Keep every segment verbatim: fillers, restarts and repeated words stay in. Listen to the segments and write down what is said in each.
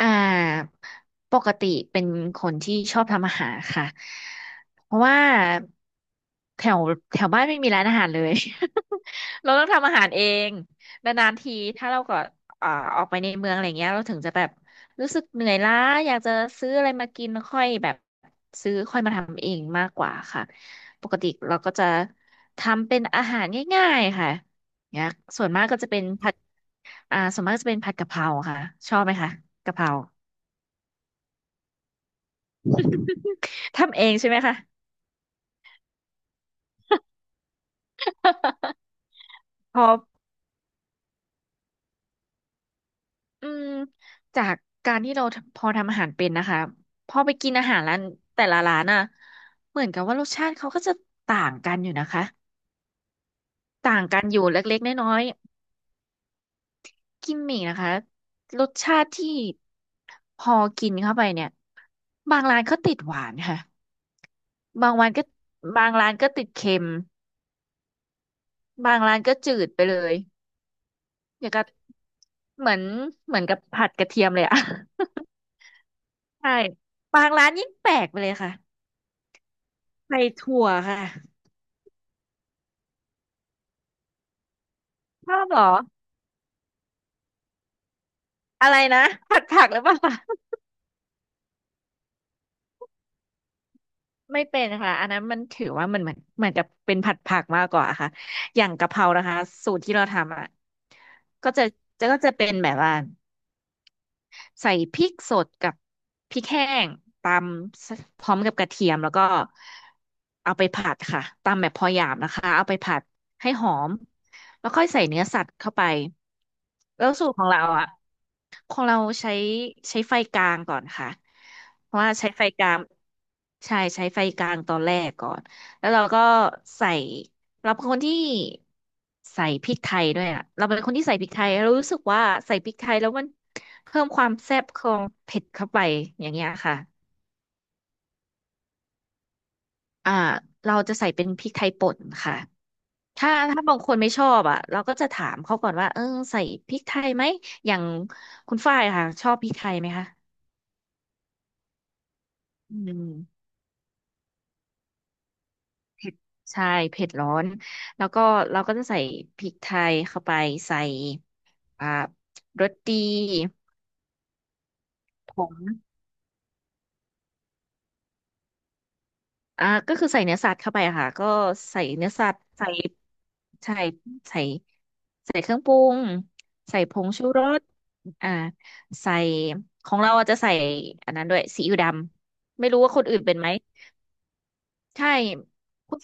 อ่าปกติเป็นคนที่ชอบทำอาหารค่ะเพราะว่าแถวแถวบ้านไม่มีร้านอาหารเลย เราต้องทำอาหารเองนานๆทีถ้าเราก็อ่าออกไปในเมืองอะไรเงี้ยเราถึงจะแบบรู้สึกเหนื่อยล้าอยากจะซื้ออะไรมากินแล้วค่อยแบบซื้อค่อยมาทำเองมากกว่าค่ะปกติเราก็จะทำเป็นอาหารง่ายๆค่ะเนี่ยส่วนมากก็จะเป็นผัดอ่าส่วนมากจะเป็นผัดกะเพราค่ะชอบไหมคะกะเพรา ทำเองใช่ไหมคะ พออืมจากการที่เราพอทำอาหารเป็นนะคะพอไปกินอาหารร้านแต่ละร้านน่ะเหมือนกับว่ารสชาติเขาก็จะต่างกันอยู่นะคะต่างกันอยู่เล็กๆน้อยๆกิมมิกนะคะรสชาติที่พอกินเข้าไปเนี่ยบางร้านก็ติดหวานค่ะบางวันก็บางร้านก็ติดเค็มบางร้านก็จืดไปเลยอย่างกับเหมือนเหมือนกับผัดกระเทียมเลยอะ ใช่บางร้านยิ่งแปลกไปเลยค่ะใส่ถั่วค่ะชอบเหรออะไรนะผัดผักหรือเปล่าคะไม่เป็นค่ะอันนั้นมันถือว่ามันเหมือนเหมือนจะเป็นผัดผักมากกว่าค่ะอย่างกะเพรานะคะสูตรที่เราทำอ่ะก็จะจะก็จะเป็นแบบว่าใส่พริกสดกับพริกแห้งตำสพร้อมกับกระเทียมแล้วก็เอาไปผัดค่ะตำแบบพอหยาบนะคะเอาไปผัดให้หอมแล้วค่อยใส่เนื้อสัตว์เข้าไปแล้วสูตรของเราอ่ะ ของเราใช้ใช้ไฟกลางก่อนค่ะเพราะว่าใช้ไฟกลางใช่ใช้ไฟกลางตอนแรกก่อนแล้วเราก็ใส่เราเป็นคนที่ใส่พริกไทยด้วยอ่ะเราเป็นคนที่ใส่พริกไทยเรารู้สึกว่าใส่พริกไทยแล้วมันเพิ่มความแซ่บของเผ็ดเข้าไปอย่างเงี้ยค่ะอ่าเราจะใส่เป็นพริกไทยป่นค่ะถ้าถ้าบางคนไม่ชอบอ่ะเราก็จะถามเขาก่อนว่าเออใส่พริกไทยไหมอย่างคุณฝ้ายค่ะชอบพริกไทยไหมคะอืม เผ็ดใช่เผ็ดร้อนแล้วก็เราก็จะใส่พริกไทยเข้าไปใส่อ่ารสดีผงอ่าก็คือใส่เนื้อสัตว์เข้าไปอะค่ะก็ใส่เนื้อสัตว์ใส่ใช่ใส่ใส่เครื่องปรุงใส่ผงชูรสอ่าใส่ของเราอะจะใส่อันนั้นด้วยซีอิ๊วดำไม่รู้ว่าคนอื่นเป็นไหมใช่คุณ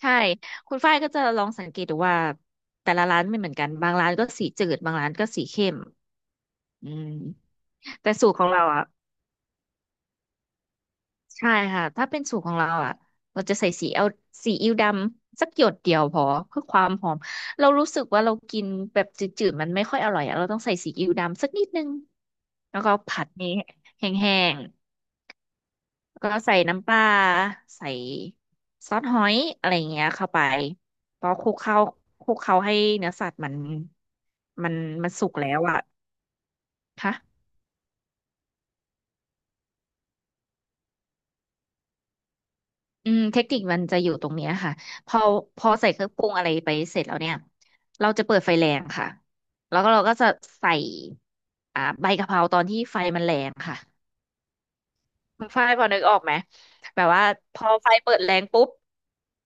ใช่คุณฝ้ายก็จะลองสังเกตดูว่าแต่ละร้านไม่เหมือนกันบางร้านก็สีจืดบางร้านก็สีเข้ม อืมแต่สูตรของเราอ่ะใช่ค่ะถ้าเป็นสูตรของเราอ่ะเราจะใส่ซีเอลวซีอิ๊วดำสักหยดเดียวพอเพื่อความหอมเรารู้สึกว่าเรากินแบบจืดๆมันไม่ค่อยอร่อยอะเราต้องใส่ซีอิ๊วดำสักนิดนึงแล้วก็ผัดนี้แห้งๆแล้วก็ใส่น้ำปลาใส่ซอสหอยอะไรอย่างเงี้ยเข้าไปพอคลุกเข้าคลุกเข้าให้เนื้อสัตว์มันมันมันสุกแล้วอ่ะค่ะ อืมเทคนิคมันจะอยู่ตรงเนี้ยค่ะพอพอใส่เครื่องปรุงอะไรไปเสร็จแล้วเนี่ยเราจะเปิดไฟแรงค่ะแล้วก็เราก็จะใส่อ่าใบกะเพราตอนที่ไฟมันแรงค่ะคุณฝ้ายพอนึกออกไหมแบบว่าพอไฟเปิดแรงปุ๊บ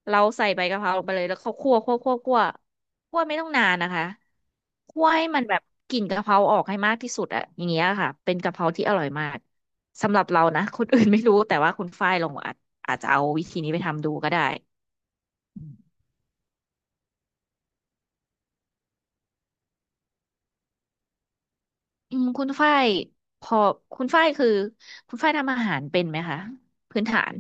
เราใส่ใบกะเพราลงไปเลยแล้วเขาคั่วคั่วคั่วคั่วคั่วไม่ต้องนานนะคะคั่วให้มันแบบกลิ่นกะเพราออกให้มากที่สุดอะอย่างเงี้ยค่ะเป็นกะเพราที่อร่อยมากสำหรับเรานะคนอื่นไม่รู้แต่ว่าคุณฝ้ายลองอาจอาจจะเอาวิธีนี้ไปทำดูก็ได้ อืมคุณฝ้ายพอคุณฝ้ายคือคุณฝ้ายทำอาหารเป็นไหมคะพื้นฐาน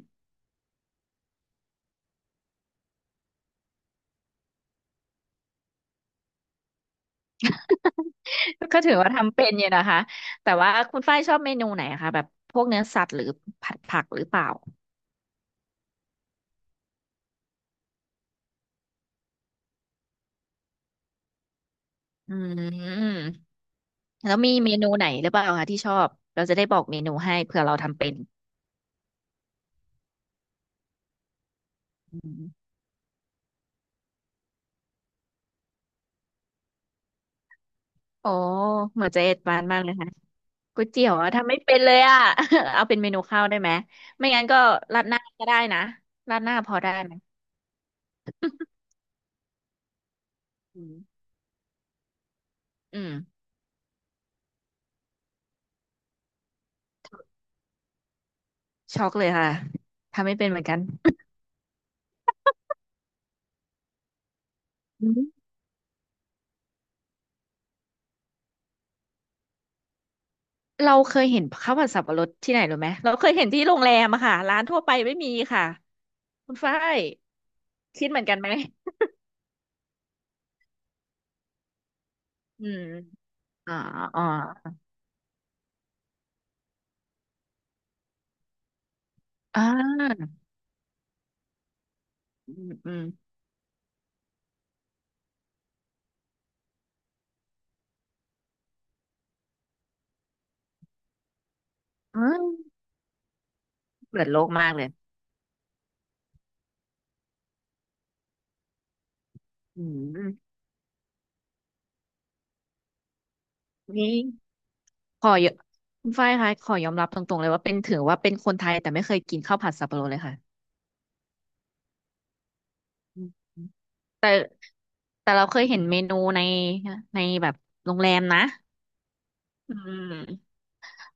ก็ถือว่าทำเป็นอยู่นะคะแต่ว่าคุณฝ้ายชอบเมนูไหนอะคะแบบพวกเนื้อสัตว์หรือผัดผักหรือเปล่าอืมแล้วมีเมนูไหนหรือเปล่าคะที่ชอบเราจะได้บอกเมนูให้เผื่อเราทำเป็นอืมโอ้เหมือนจะเอ็ดบานมากเลยค่ะก๋วยเตี๋ยวอะทำไม่เป็นเลยอะ เอาเป็นเมนูข้าวได้ไหมไม่งั้นก็ราดหน้าก็ได้นะราดหน้าพอได้ไหมอืมอืม ช็อกเลยค่ะทำไม่เป็นเหมือนกันอืมเราเคยเห็นข้าวผัดสับปะรดที่ไหนรู้ไหมเราเคยเห็นที่โรงแรมอะค่ะร้านทั่วไปไม่มีค่ะคุณฝ้ายคิดเหมือนกันไหมอืมอ่าอ่าอ่าอืมอืมอืมเปิดโลกมากเลยอืมนี่ขอยคุณฝ้ายคะขอยอมรับตรงๆเลยว่าเป็นถือว่าเป็นคนไทยแต่ไม่เคยกินข้าวผัดสับปะรดเลยค่ะอืมแต่เราเคยเห็นเมนูในในแบบโรงแรมนะอืม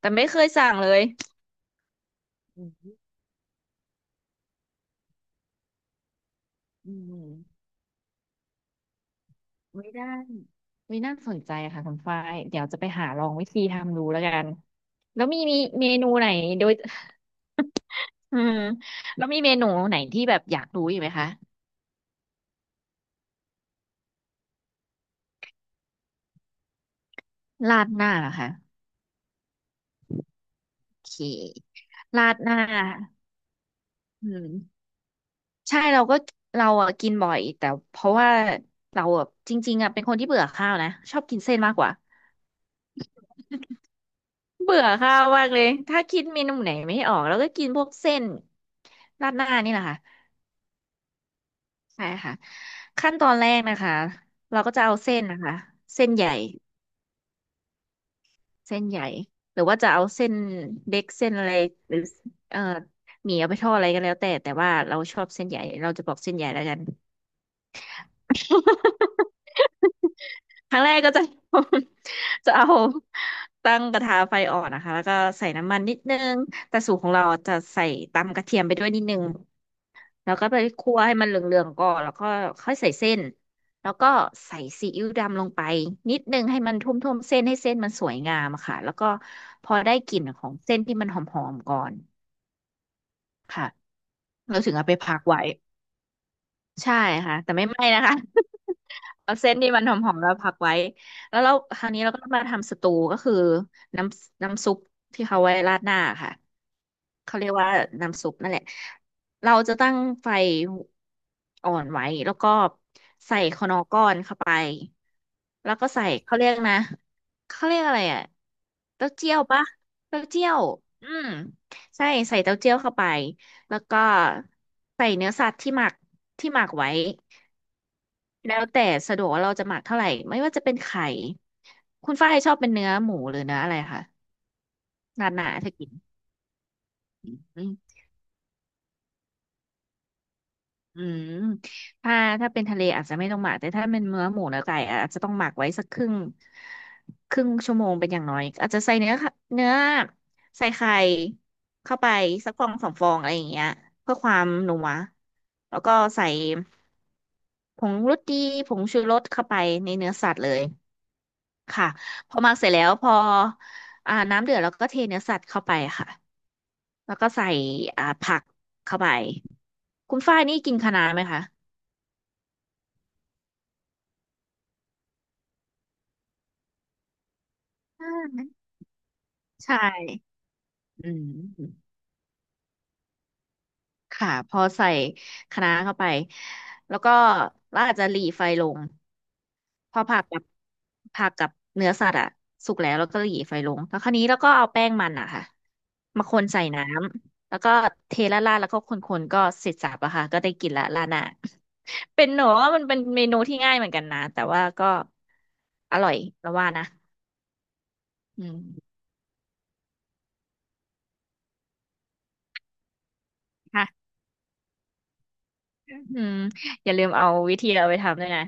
แต่ไม่เคยสั่งเลย อืมอืมไม่ได้ไม่น่าสนใจค่ะคุณฝ้ายเดี๋ยวจะไปหาลองวิธีทำดูแล้วกันแล้วมีมีเมนูไหนโดย อืมแล้วมีเมนูไหนที่แบบอยากรู้อีกไหมคะราดหน้าเหรอคะโอเคราดหน้าอืมใช่เราก็เราอะกินบ่อยแต่เพราะว่าเราอะจริงๆอะเป็นคนที่เบื่อข้าวนะชอบกินเส้นมากกว่าเบื่อข้าวมากเลยถ้าคิดเมนูไหนไม่ออกแล้วก็กินพวกเส้นราดหน้านี่แหละค่ะ ใช่ค่ะขั้นตอนแรกนะคะเราก็จะเอาเส้นนะคะเส้นใหญ่เส้นใหญ่หรือว่าจะเอาเส้นเล็กเส้นอะไรหรือเอ่อหมี่เอาไปทอดอะไรก็แล้วแต่แต่ว่าเราชอบเส้นใหญ่เราจะบอกเส้นใหญ่แล้วกันครั้งแรกก็จะ จะเอาตั้งกระทะไฟอ่อนนะคะแล้วก็ใส่น้ำมันนิดนึงแต่สูตรของเราจะใส่ตำกระเทียมไปด้วยนิดนึง แล้วก็ไปคั่วให้มันเหลืองๆก่อนแล้วก็ค่อยใส่เส้นแล้วก็ใส่ซีอิ๊วดำลงไปนิดนึงให้มันท่วมๆเส้นให้เส้นมันสวยงามอะค่ะแล้วก็พอได้กลิ่นของเส้นที่มันหอมๆก่อนเราถึงเอาไปพักไว้ ใช่ค่ะแต่ไม่ไหม้นะคะ เอาเส้นที่มันหอมๆแล้วพักไว้แล้วเราคราวนี้เราก็มาทำสตูก็คือน้ำน้ำซุปที่เขาไว้ราดหน้าค่ะเขาเรียกว่าน้ำซุปนั่นแหละเราจะตั้งไฟอ่อนไว้แล้วก็ใส่คนอร์ก้อนเข้าไปแล้วก็ใส่เขาเรียกนะเขาเรียกอะไรอ่ะเต้าเจี้ยวปะเต้าเจี้ยวอืมใช่ใส่เต้าเจี้ยวเข้าไป แล้วก็ใส่เนื้อสัตว์ที่หมักที่หมักไว้แล้วแต่สะดวกว่าเราจะหมักเท่าไหร่ไม่ว่าจะเป็นไข่คุณฝ้ายชอบเป็นเนื้อหมูหรือเนื้ออะไรคะหนาหนาถ้ากินอืมอืมถ้าถ้าเป็นทะเลอาจจะไม่ต้องหมักแต่ถ้าเป็นเนื้อหมูเนื้อไก่อาจจะต้องหมักไว้สักครึ่งครึ่งชั่วโมงเป็นอย่างน้อยอาจจะใส่เนื้อค่ะเนื้อใส่ไข่เข้าไปสักฟองสองฟองอะไรอย่างเงี้ยเพื่อความนัวแล้วก็ใส่ ผงรสดีผงชูรสเข้าไปในเนื้อสัตว์เลยค่ะพอหมักเสร็จแล้วพออ่าน้ำเดือดแล้วก็เทเนื้อสัตว์เข้าไปค่ะแล้วก็ใส่อ่าผักเข้าไปคุณฝ้ายนี่กินคะน้าไหมคะอ่าใช่อืมค่ะพอใส่คะน้าเข้าไปแล้วก็เราอาจจะหรี่ไฟลง พอผักกับผักกับเนื้อสัตว์อะสุกแล้วแล้วก็หยีไฟลงแล้วคราวนี้แล้วก็เอาแป้งมันอะค่ะมาคนใส่น้ำแล้วก็เทละลาดๆแล้วก็คนๆก็เสร็จสรรพอะค่ะก็ได้กินละลาหน้าเป็นหนูว่ามันเป็นเมนูที่ง่ายเหมือนกันนะแต่ว่าก็อร่อยแล้วว่านะอืมค่ะอืมอย่าลืมเอาวิธีเอาไปทำด้วยนะ